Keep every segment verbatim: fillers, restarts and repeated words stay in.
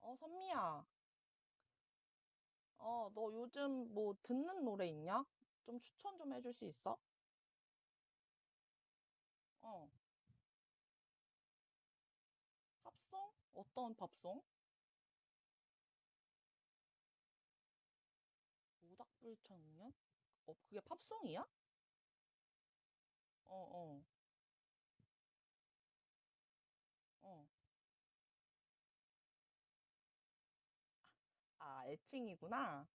어, 선미야, 어, 너 요즘 뭐 듣는 노래 있냐? 좀 추천 좀 해줄 수 있어? 어, 팝송? 어떤 팝송? 오닥불청년 어, 그게 팝송이야? 어, 어, 어. 아, 애칭이구나.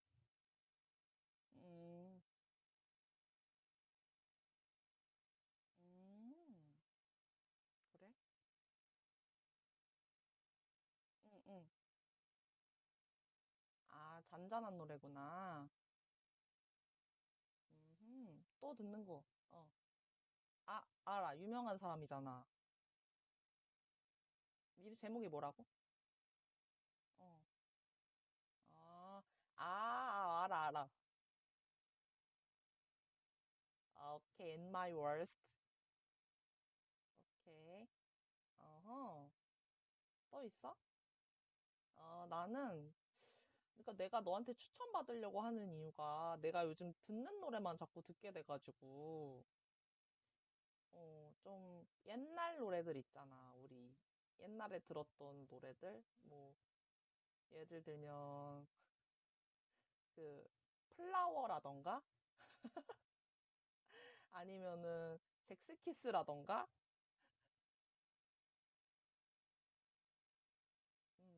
음, 음, 그래? 응, 응. 아, 잔잔한 노래구나. 음, 또 듣는 거. 어, 아, 알아. 유명한 사람이잖아. 이 제목이 뭐라고? 어, 아, 아, 아, 알아, 알아. 아, 오케이, In My Worst. 오케이. 어허. 또 있어? 어, 나는, 그러니까 내가 너한테 추천받으려고 하는 이유가 내가 요즘 듣는 노래만 자꾸 듣게 돼가지고, 어, 좀 옛날 노래들 있잖아, 우리. 옛날에 들었던 노래들? 뭐, 예를 들면, 그, 플라워라던가? 아니면은, 잭스키스라던가? 음,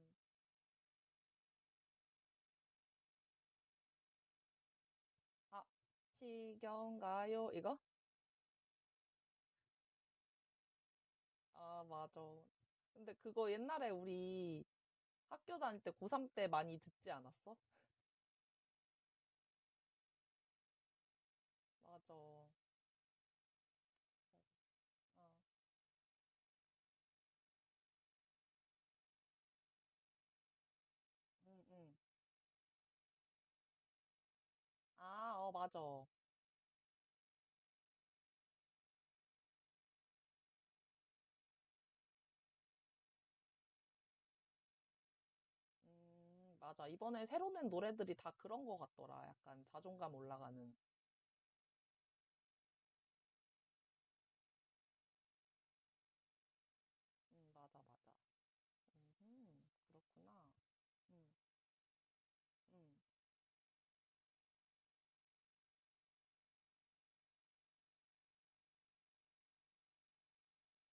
아, 지겨운가요? 이거? 아, 맞아. 근데 그거 옛날에 우리 학교 다닐 때 고삼 때 많이 듣지 않았어? 맞아. 어, 응, 응. 아, 어, 맞아. 음, 맞아. 이번에 새로 낸 노래들이 다 그런 거 같더라. 약간 자존감 올라가는. 음, 맞아, 맞아. 음, 그렇구나. 음, 음.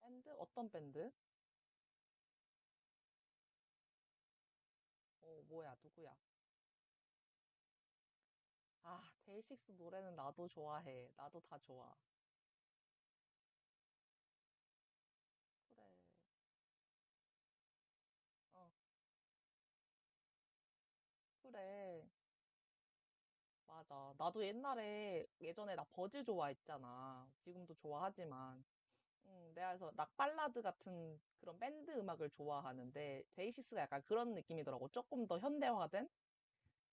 밴드? 어떤 밴드? 어, 뭐야, 누구야? 아, 데이식스 노래는 나도 좋아해. 나도 다 좋아. 그래. 어, 그래. 맞아. 나도 옛날에, 예전에 나 버즈 좋아했잖아. 지금도 좋아하지만. 음, 내가 그래서 락 발라드 같은 그런 밴드 음악을 좋아하는데, 데이시스가 약간 그런 느낌이더라고. 조금 더 현대화된?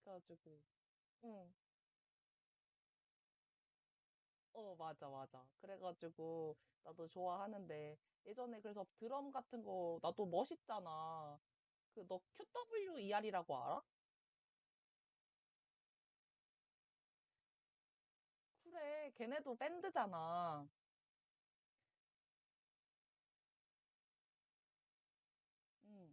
그래가지고, 응, 어, 맞아, 맞아. 그래가지고, 나도 좋아하는데, 예전에 그래서 드럼 같은 거, 나도 멋있잖아. 그, 너 큐더블유이알이라고 알아? 그래, 걔네도 밴드잖아. 응.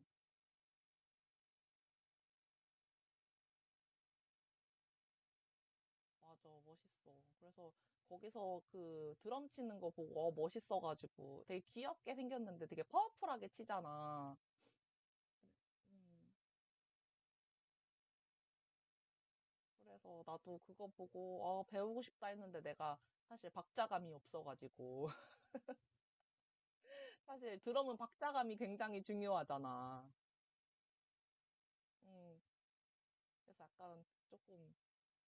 맞아, 멋있어. 그래서 거기서 그 드럼 치는 거 보고 어, 멋있어가지고 되게 귀엽게 생겼는데 되게 파워풀하게 치잖아. 음, 그래서 나도 그거 보고 어, 배우고 싶다 했는데 내가 사실 박자감이 없어가지고 사실 드럼은 박자감이 굉장히 중요하잖아. 음, 그래서 약간 조금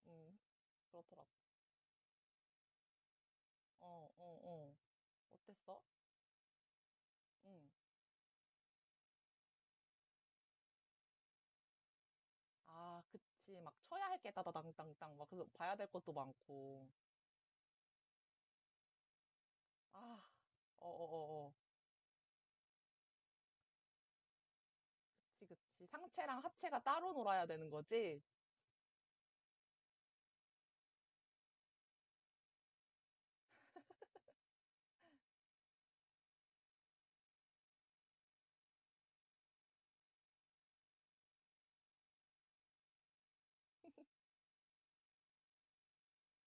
음, 그렇더라고. 어, 어, 어. 어땠어? 음. 아, 그치. 막 쳐야 할 게 따다당당당 막 그래서 봐야 될 것도 많고. 아, 어어어어. 그치, 그치. 상체랑 하체가 따로 놀아야 되는 거지?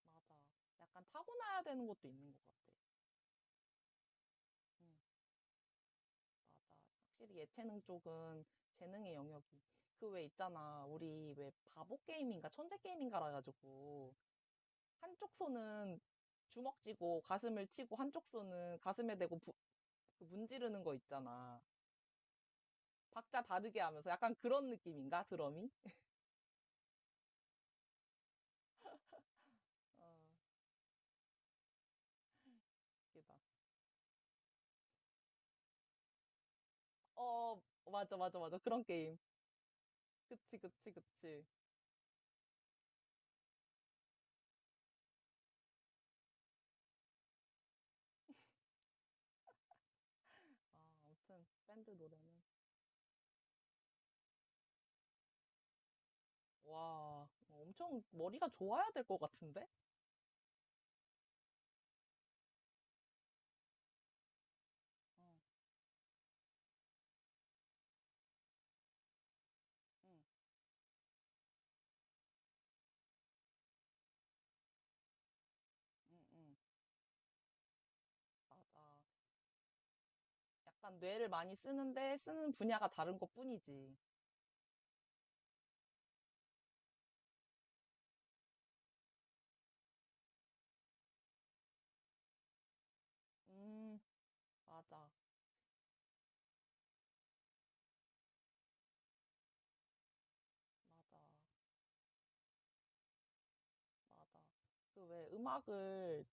맞아. 약간 타고나야 되는 것도 있는 것 같아. 응, 맞아. 확실히 예체능 쪽은 재능의 영역이. 그 왜 있잖아. 우리 왜 바보 게임인가 천재 게임인가라 가지고 한쪽 손은 주먹 쥐고 가슴을 치고 한쪽 손은 가슴에 대고 부- 그 문지르는 거 있잖아. 박자 다르게 하면서 약간 그런 느낌인가? 드럼이? 어, 웃기다. 어, 맞아, 맞아, 맞아. 그런 게임. 그치, 그치, 그치. 아, 아무튼 밴드 노래는 와, 엄청 머리가 좋아야 될 것 같은데? 응 응, 응, 응, 맞아. 약간 뇌를 많이 쓰는데 쓰는 분야가 다른 것뿐이지. 음, 맞아, 맞아, 맞아. 그 왜 음악을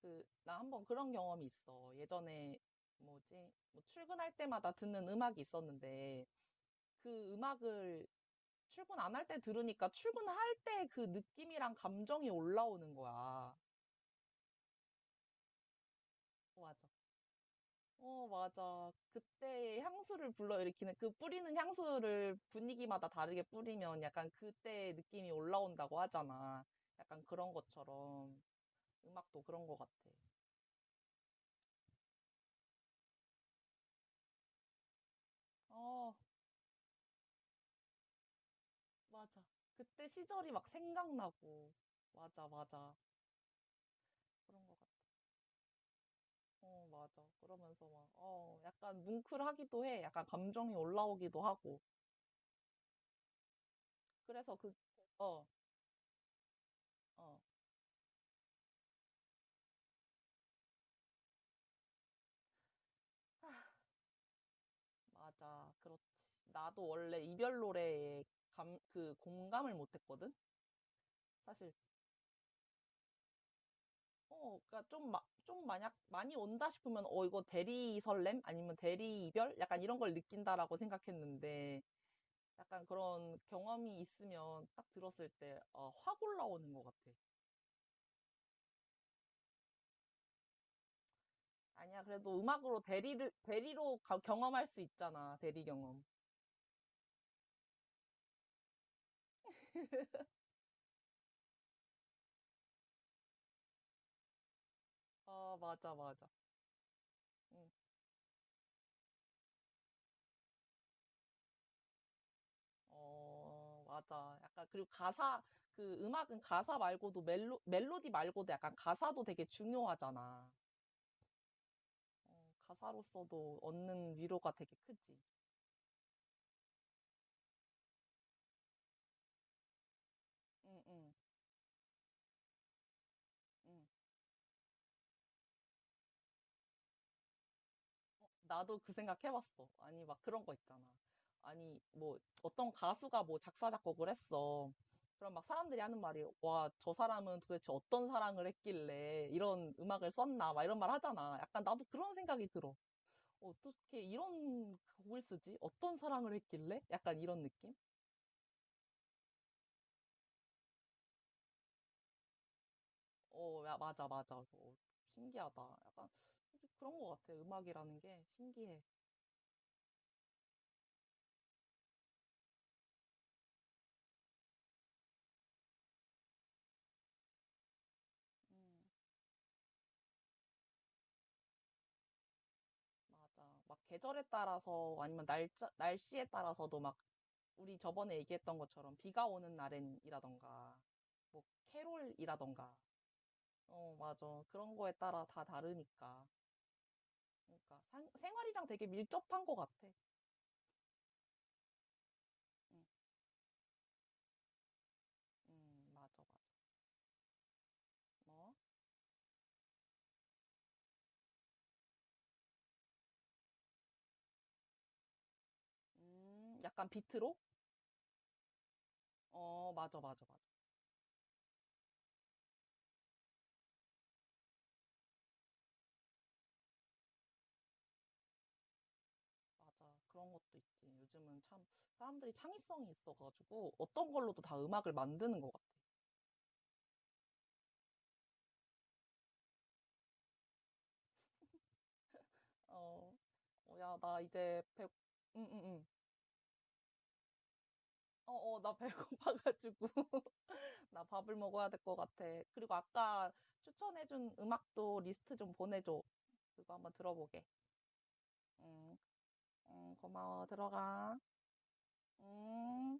그 나 한번 그런 경험이 있어. 예전에 뭐지? 뭐 출근할 때마다 듣는 음악이 있었는데 그 음악을 출근 안 할 때 들으니까 출근할 때 그 느낌이랑 감정이 올라오는 거야. 맞아. 어, 맞아. 그때 향수를 불러일으키는, 그 뿌리는 향수를 분위기마다 다르게 뿌리면 약간 그때 느낌이 올라온다고 하잖아. 약간 그런 것처럼. 음악도 그런 것 같아. 어, 맞아. 그때 시절이 막 생각나고. 맞아, 맞아. 그런 것 같아. 어, 맞아. 그러면서 막, 어, 약간 뭉클하기도 해. 약간 감정이 올라오기도 하고. 그래서 그, 어, 어, 맞아. 그렇지. 나도 원래 이별 노래에 감, 그 공감을 못했거든? 사실, 어, 그니까 좀, 마, 좀 만약 많이 온다 싶으면, 어, 이거 대리 설렘? 아니면 대리 이별? 약간 이런 걸 느낀다라고 생각했는데, 약간 그런 경험이 있으면 딱 들었을 때, 어, 확 올라오는 것 같아. 아니야, 그래도 음악으로 대리를, 대리로 가- 경험할 수 있잖아. 대리 경험. 아, 맞아, 맞아. 응. 어, 맞아. 약간, 그리고 가사, 그 음악은 가사 말고도 멜로, 멜로디 말고도 약간 가사도 되게 중요하잖아. 어, 가사로서도 얻는 위로가 되게 크지. 응, 응, 응. 어, 나도 그 생각 해봤어. 아니, 막 그런 거 있잖아. 아니, 뭐, 어떤 가수가 뭐 작사, 작곡을 했어. 그럼 막 사람들이 하는 말이, 와, 저 사람은 도대체 어떤 사랑을 했길래 이런 음악을 썼나, 막 이런 말 하잖아. 약간 나도 그런 생각이 들어. 어떻게 이런 곡을 쓰지? 어떤 사랑을 했길래? 약간 이런 느낌? 어, 야, 맞아, 맞아. 그래서 어, 신기하다. 약간 그런 것 같아. 음악이라는 게 신기해. 음, 맞아. 막 계절에 따라서 아니면 날짜, 날씨에 따라서도 막 우리 저번에 얘기했던 것처럼 비가 오는 날엔이라던가 뭐 캐롤이라던가 어, 맞아. 그런 거에 따라 다 다르니까. 그러니까 상- 생활이랑 되게 밀접한 것 같아. 음, 음, 맞아, 맞아. 뭐? 음, 약간 비트로? 어, 맞아, 맞아, 맞아. 맞아. 그런 것도 있지. 요즘은 참 사람들이 창의성이 있어가지고 어떤 걸로도 다 음악을 만드는 것 같아. 어, 어, 야, 나 이제 배, 응, 응, 응. 어, 어, 나 배고파가지고 나 밥을 먹어야 될 것 같아. 그리고 아까 추천해준 음악도 리스트 좀 보내줘. 그거 한번 들어보게. 응, 응, 고마워. 들어가. 음.